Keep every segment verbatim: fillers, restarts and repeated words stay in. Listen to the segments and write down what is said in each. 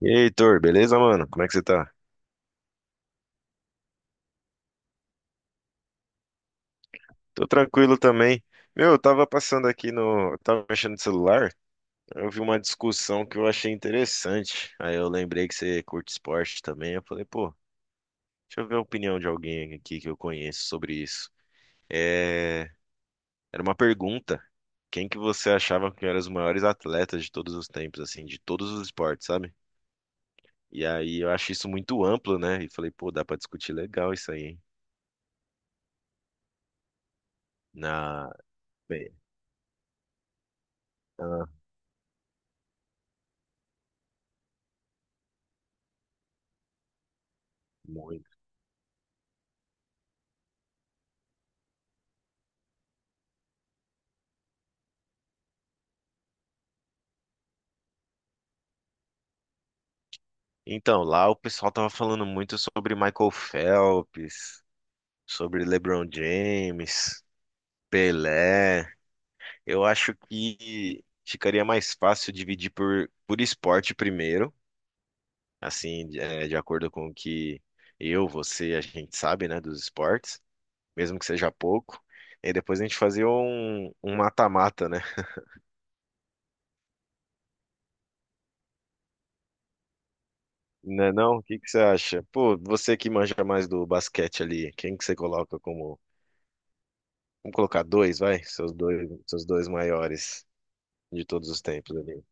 E aí, Heitor, beleza, mano? Como é que você tá? Tô tranquilo também. Meu, eu tava passando aqui no. eu Tava mexendo no celular, eu vi uma discussão que eu achei interessante. Aí eu lembrei que você curte esporte também. Eu falei, pô, deixa eu ver a opinião de alguém aqui que eu conheço sobre isso. É... Era uma pergunta. Quem que você achava que eram os maiores atletas de todos os tempos, assim, de todos os esportes, sabe? E aí eu acho isso muito amplo, né? E falei, pô, dá pra discutir legal isso aí, hein? Na. Bem, ah, muito. Então, lá o pessoal tava falando muito sobre Michael Phelps, sobre LeBron James, Pelé. Eu acho que ficaria mais fácil dividir por, por esporte primeiro, assim, de eh, de acordo com o que eu, você, a gente sabe, né, dos esportes, mesmo que seja pouco. E depois a gente fazia um um mata-mata, né? Não é não? O que que você acha? Pô, você que manja mais do basquete ali, quem que você coloca como... Vamos colocar dois, vai? Seus dois, seus dois maiores de todos os tempos ali.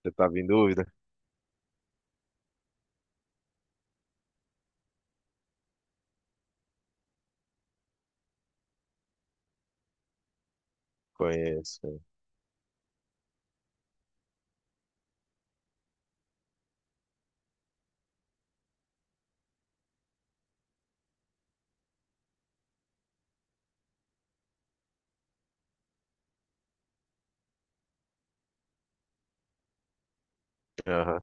Você tava em dúvida? Conheço. Aham.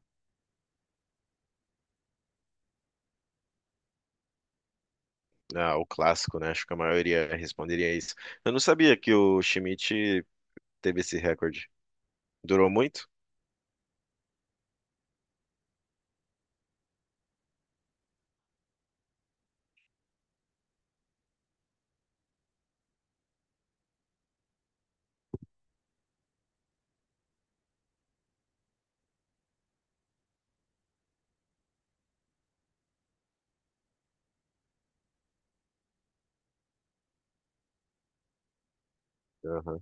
Ah, o clássico, né? Acho que a maioria responderia isso. Eu não sabia que o Schmidt teve esse recorde. Durou muito? Aham.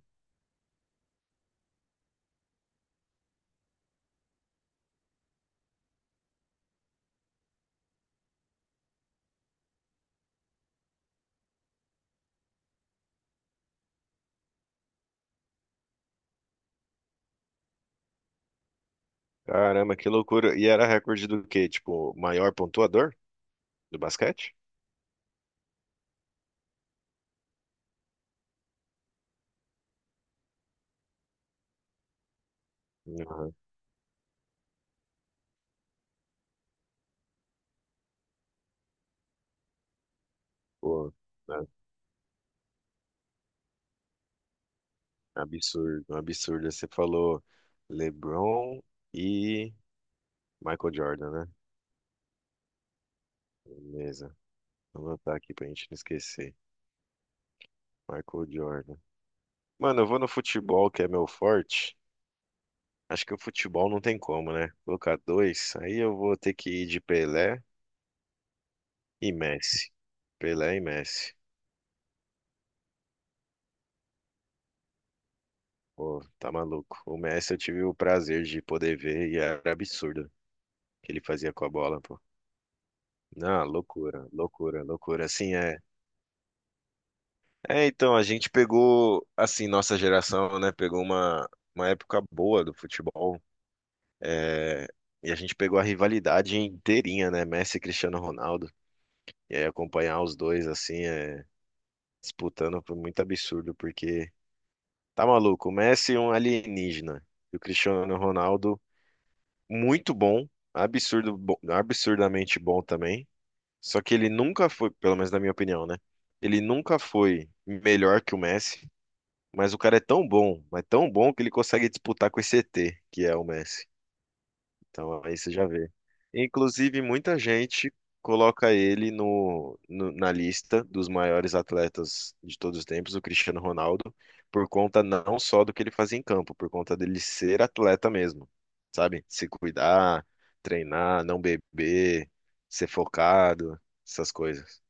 Caramba, que loucura. E era recorde do quê? Tipo, maior pontuador do basquete? Aham. Pô, né? Absurdo, um absurdo. Você falou LeBron e Michael Jordan, né? Beleza. Vou anotar aqui pra gente não esquecer. Michael Jordan. Mano, eu vou no futebol, que é meu forte. Acho que o futebol não tem como, né? Colocar dois, aí eu vou ter que ir de Pelé e Messi. Pelé e Messi. Pô, tá maluco. O Messi eu tive o prazer de poder ver e era absurdo o que ele fazia com a bola, pô. Não, loucura, loucura, loucura. Assim, é. É, então, a gente pegou, assim, nossa geração, né? Pegou uma, uma época boa do futebol. É, e a gente pegou a rivalidade inteirinha, né? Messi e Cristiano Ronaldo. E aí acompanhar os dois assim, é, disputando foi muito absurdo, porque tá maluco, o Messi é um alienígena. E o Cristiano Ronaldo, muito bom, absurdo, bo- absurdamente bom também. Só que ele nunca foi, pelo menos na minha opinião, né? Ele nunca foi melhor que o Messi, mas o cara é tão bom, mas tão bom que ele consegue disputar com esse E T, que é o Messi. Então aí você já vê. Inclusive, muita gente coloca ele no, no- na lista dos maiores atletas de todos os tempos, o Cristiano Ronaldo, por conta não só do que ele fazia em campo, por conta dele ser atleta mesmo, sabe? Se cuidar, treinar, não beber, ser focado, essas coisas.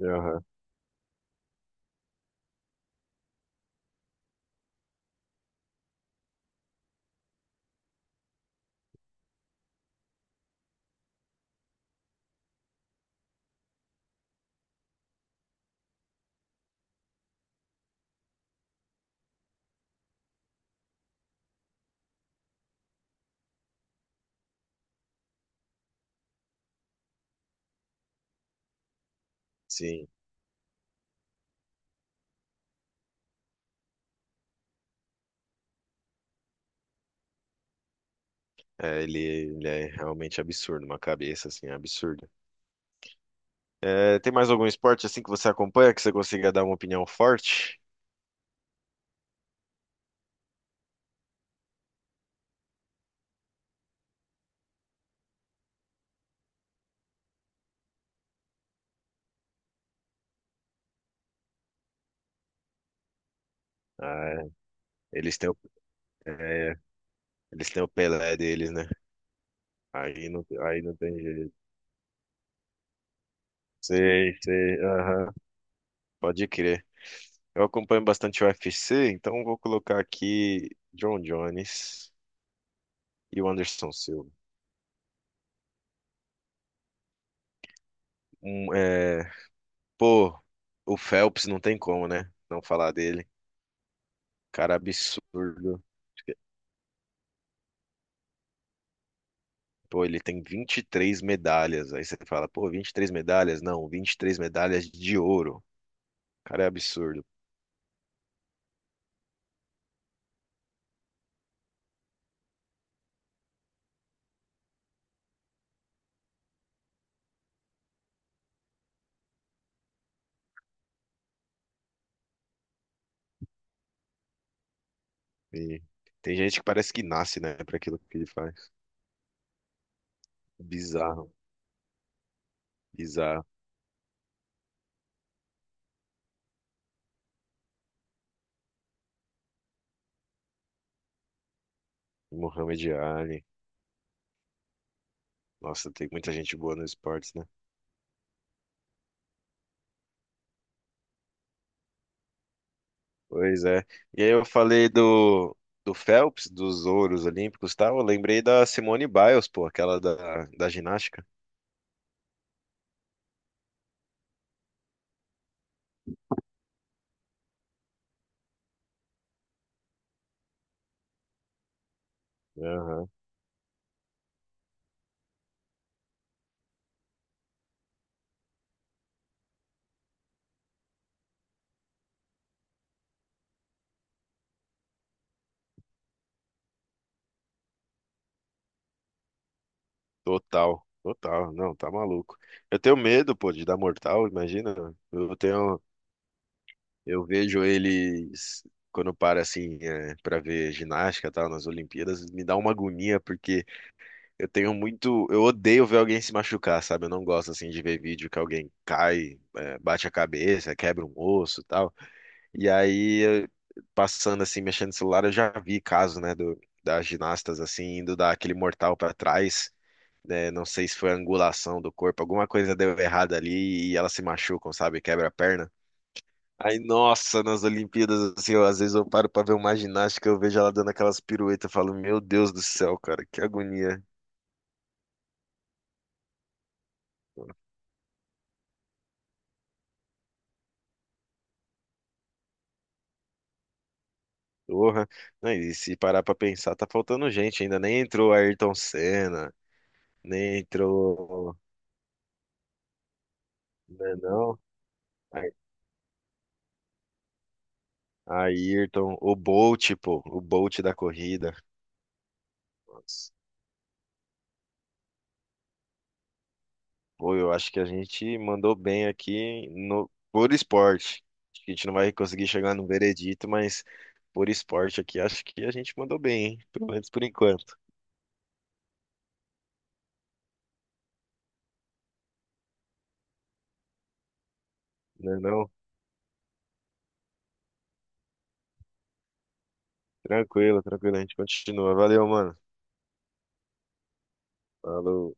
Aham. Sim, é, ele, ele é realmente absurdo, uma cabeça assim, absurda. É, tem mais algum esporte assim que você acompanha que você consiga dar uma opinião forte? Ah, eles têm o, é, eles têm o Pelé deles, né? Aí não, aí não tem jeito. Sei, sei, aham, pode crer. Eu acompanho bastante o U f c, então vou colocar aqui John Jones e o Anderson Silva. Um, é, pô, o Phelps não tem como, né? Não falar dele. Cara absurdo. Pô, ele tem vinte e três medalhas. Aí você fala, pô, vinte e três medalhas? Não, vinte e três medalhas de ouro. Cara, é absurdo. E tem gente que parece que nasce, né, para aquilo que ele faz. Bizarro, bizarro. Um Muhammad Ali. Nossa, tem muita gente boa no esportes, né? Pois é. E aí eu falei do, do Phelps, dos ouros olímpicos, tal. Eu lembrei da Simone Biles, pô, aquela da, da ginástica. Aham. Total, total. Não, tá maluco. Eu tenho medo, pô, de dar mortal, imagina. Eu tenho, eu vejo eles quando eu paro assim, é, para ver ginástica, tal, nas Olimpíadas, me dá uma agonia porque... Eu tenho muito. Eu odeio ver alguém se machucar, sabe? Eu não gosto assim de ver vídeo que alguém cai, é, bate a cabeça, quebra um osso e tal. E aí, eu- passando assim, mexendo no celular, eu já vi caso, né, do, das ginastas assim, indo dar aquele mortal pra trás, né? Não sei se foi a angulação do corpo, alguma coisa deu errada ali e elas se machucam, sabe? Quebra a perna. Aí, nossa, nas Olimpíadas, assim, eu, às vezes eu paro pra ver uma ginástica, eu vejo ela dando aquelas piruetas, eu falo, meu Deus do céu, cara, que agonia. Porra. Não, e se parar pra pensar, tá faltando gente ainda. Nem entrou Ayrton Senna, nem entrou. Né, não? Ay- Ayrton, o Bolt, pô, o Bolt da corrida. Nossa. Pô, eu acho que a gente mandou bem aqui no, por esporte. Acho que a gente não vai conseguir chegar no veredito, mas por esporte aqui, acho que a gente mandou bem, hein? Pelo menos por enquanto. Né, não? Tranquilo, tranquilo, a gente continua. Valeu, mano. Falou.